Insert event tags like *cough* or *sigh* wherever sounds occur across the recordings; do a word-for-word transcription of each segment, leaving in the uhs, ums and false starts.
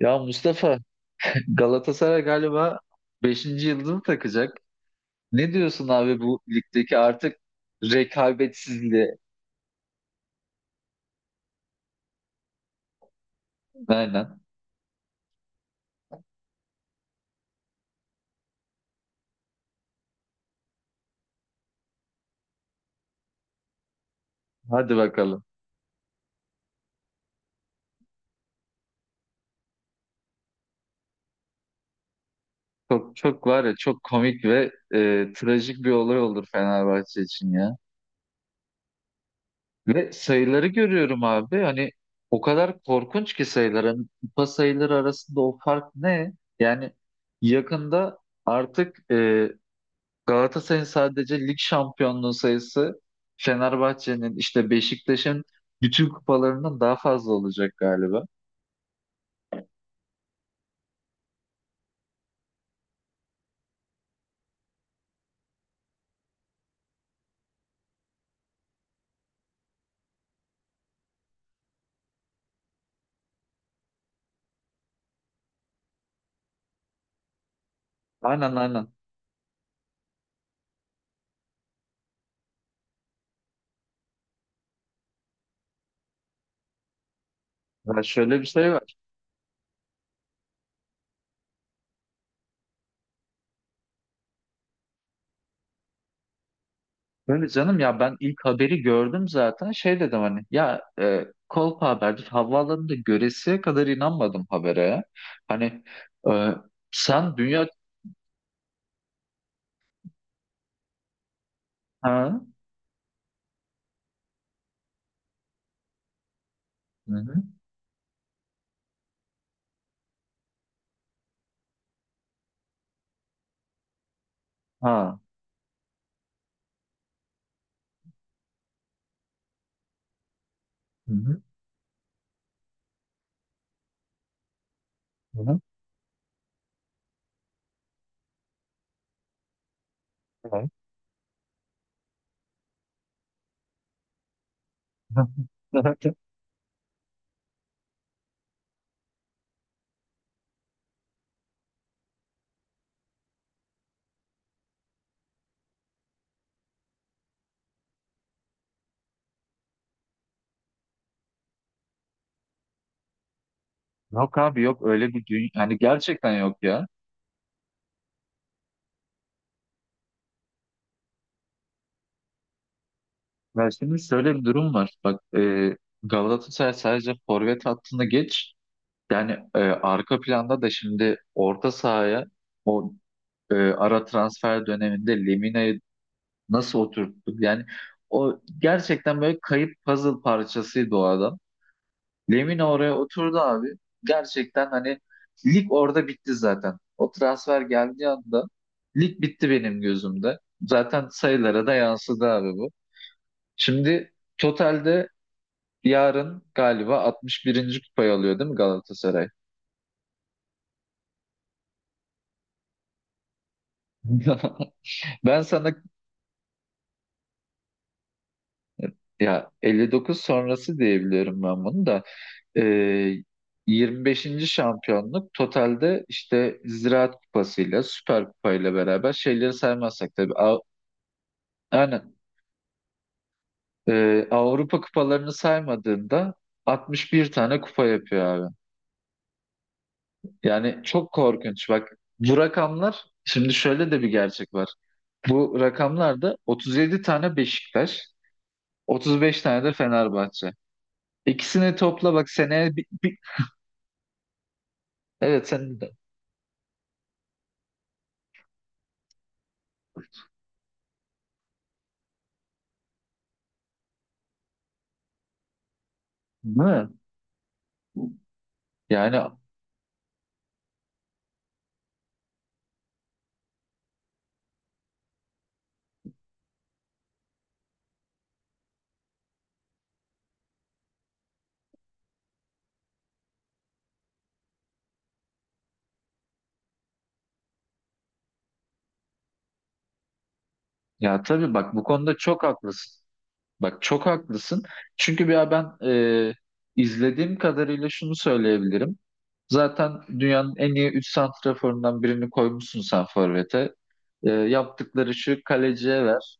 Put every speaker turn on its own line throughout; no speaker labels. Ya Mustafa, Galatasaray galiba beşinci yıldızını takacak. Ne diyorsun abi bu ligdeki artık rekabetsizliğe? Aynen. Hadi bakalım. Çok çok var ya, çok komik ve e, trajik bir olay olur Fenerbahçe için ya. Ve sayıları görüyorum abi. Hani o kadar korkunç ki sayılar. Hani kupa sayıları arasında o fark ne? Yani yakında artık e, Galatasaray'ın sadece lig şampiyonluğu sayısı, Fenerbahçe'nin işte Beşiktaş'ın bütün kupalarından daha fazla olacak galiba. Aynen, aynen. Ya şöyle bir şey var. Böyle canım ya, ben ilk haberi gördüm zaten, şey dedim hani ya, e, kolpa haberdir, havaalanında göresiye kadar inanmadım habere, ya. Hani e, sen dünya ha. Hı hı. Ha, hı hı. Hı hı. Hı. *laughs* Yok abi, yok öyle bir dünya yani, gerçekten yok ya. Ya şimdi şöyle bir durum var. Bak, e, Galatasaray sadece forvet hattını geç. Yani e, arka planda da şimdi orta sahaya o, e, ara transfer döneminde Lemina'yı nasıl oturttuk? Yani o gerçekten böyle kayıp puzzle parçasıydı o adam. Lemina oraya oturdu abi. Gerçekten hani lig orada bitti zaten. O transfer geldiği anda lig bitti benim gözümde. Zaten sayılara da yansıdı abi bu. Şimdi totalde yarın galiba altmış birinci kupayı alıyor değil mi Galatasaray? *laughs* Ben sana ya elli dokuz sonrası diyebiliyorum ben bunu da. Ee, yirmi beşinci şampiyonluk totalde, işte Ziraat Kupası'yla Süper Kupa'yla beraber şeyleri saymazsak tabii. Av- Aynen. Ee, Avrupa kupalarını saymadığında altmış bir tane kupa yapıyor abi. Yani çok korkunç. Bak bu rakamlar, şimdi şöyle de bir gerçek var. Bu rakamlarda otuz yedi tane Beşiktaş, otuz beş tane de Fenerbahçe. İkisini topla bak, seneye bir, bir- evet, sen de değil mi? Yani ya tabii, bak bu konuda çok haklısın. Bak çok haklısın. Çünkü bir ben e, izlediğim kadarıyla şunu söyleyebilirim. Zaten dünyanın en iyi üç santraforundan birini koymuşsun sen forvete. E, yaptıkları şu, kaleciye ver.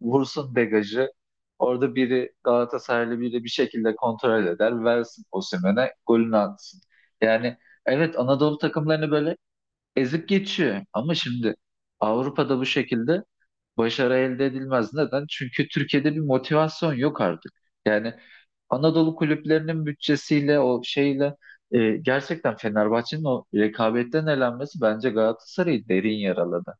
Vursun degajı. Orada biri Galatasaraylı biri bir şekilde kontrol eder. Versin Osimhen'e, golünü atsın. Yani evet, Anadolu takımlarını böyle ezip geçiyor. Ama şimdi Avrupa'da bu şekilde başarı elde edilmez. Neden? Çünkü Türkiye'de bir motivasyon yok artık. Yani Anadolu kulüplerinin bütçesiyle, o şeyle, e, gerçekten Fenerbahçe'nin o rekabetten elenmesi bence Galatasaray'ı derin yaraladı.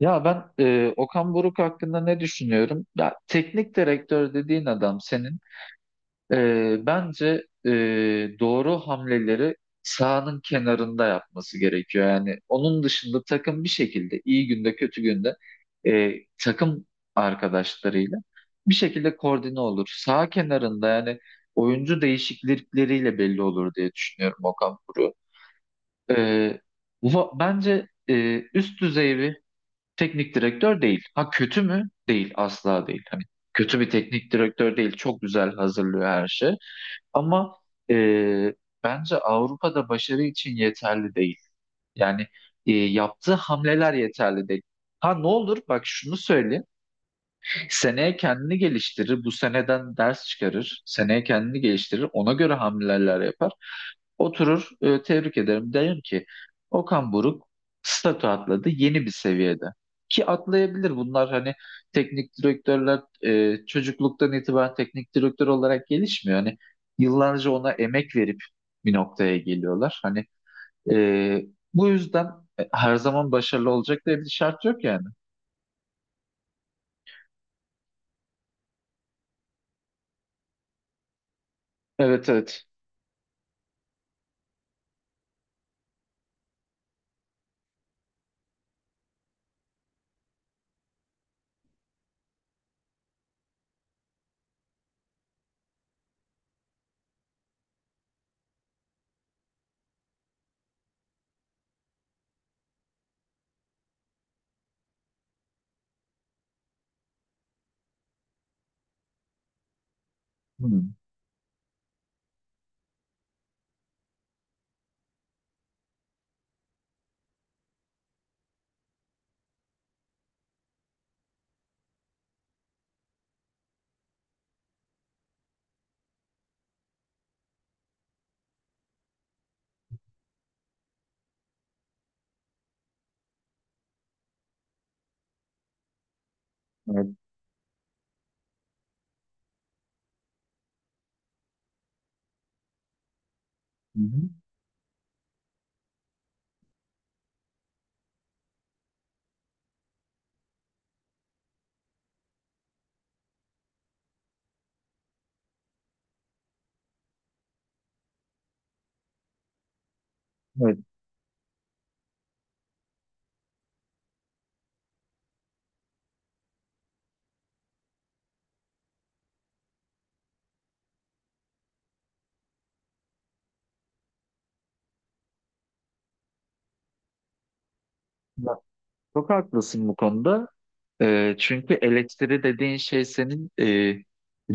Ya ben e, Okan Buruk hakkında ne düşünüyorum? Ya teknik direktör dediğin adam senin e, bence e, doğru hamleleri sahanın kenarında yapması gerekiyor. Yani onun dışında takım bir şekilde iyi günde kötü günde e, takım arkadaşlarıyla bir şekilde koordine olur. Sağ kenarında, yani oyuncu değişiklikleriyle belli olur diye düşünüyorum Okan Buruk. E, bu- bence e, üst düzey teknik direktör değil. Ha, kötü mü? Değil, asla değil. Hani kötü bir teknik direktör değil. Çok güzel hazırlıyor her şey. Ama e, bence Avrupa'da başarı için yeterli değil. Yani e, yaptığı hamleler yeterli değil. Ha ne olur bak, şunu söyleyeyim. Seneye kendini geliştirir. Bu seneden ders çıkarır. Seneye kendini geliştirir. Ona göre hamleler yapar. Oturur, e, tebrik ederim. Derim ki Okan Buruk statü atladı, yeni bir seviyede. Ki atlayabilir bunlar, hani teknik direktörler e, çocukluktan itibaren teknik direktör olarak gelişmiyor. Hani yıllarca ona emek verip bir noktaya geliyorlar. Hani e, bu yüzden e, her zaman başarılı olacak diye bir şart yok yani. Evet, evet. Hmm, evet. Hı hı, evet. Bak, çok haklısın bu konuda. Ee, çünkü eleştiri dediğin şey senin, e,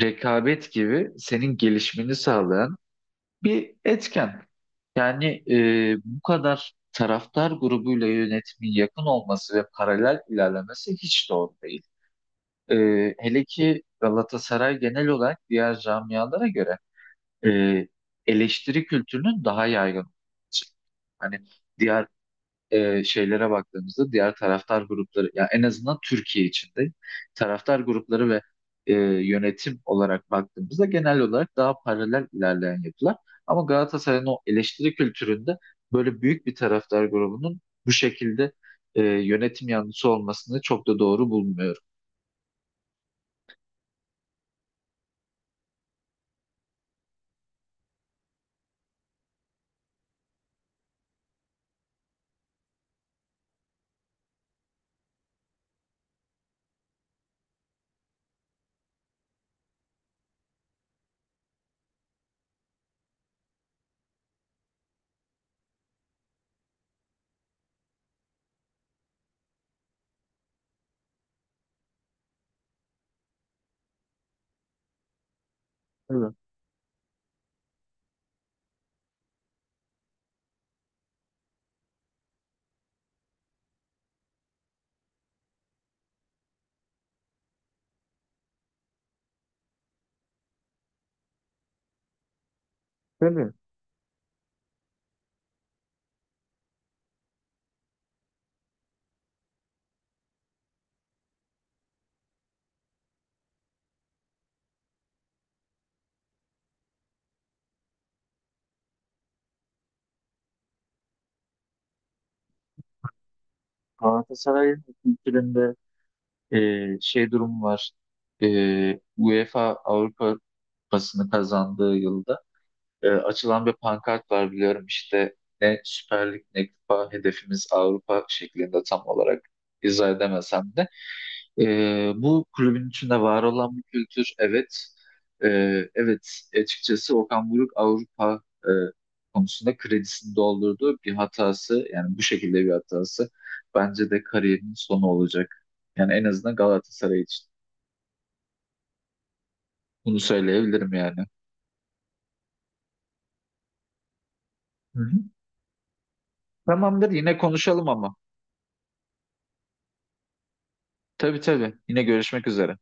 rekabet gibi senin gelişmeni sağlayan bir etken. Yani e, bu kadar taraftar grubuyla yönetimin yakın olması ve paralel ilerlemesi hiç doğru değil. Ee, hele ki Galatasaray genel olarak diğer camialara göre e, eleştiri kültürünün daha yaygın olması. Hani diğer e, şeylere baktığımızda, diğer taraftar grupları, ya en azından Türkiye içinde taraftar grupları ve e, yönetim olarak baktığımızda genel olarak daha paralel ilerleyen yapılar. Ama Galatasaray'ın o eleştiri kültüründe böyle büyük bir taraftar grubunun bu şekilde e, yönetim yanlısı olmasını çok da doğru bulmuyorum. Evet, tabii. Galatasaray'ın kültüründe e, şey durum var. E, UEFA Avrupa Kupası'nı kazandığı yılda e, açılan bir pankart var, biliyorum işte, ne Süper Lig ne Kupa, hedefimiz Avrupa şeklinde. Tam olarak izah edemesem de e, bu kulübün içinde var olan bir kültür, evet. E, evet, açıkçası Okan Buruk Avrupa e, konusunda kredisini doldurduğu bir hatası, yani bu şekilde bir hatası bence de kariyerinin sonu olacak. Yani en azından Galatasaray için bunu söyleyebilirim yani. Hı hı. Tamamdır, yine konuşalım ama. Tabii tabii, yine görüşmek üzere.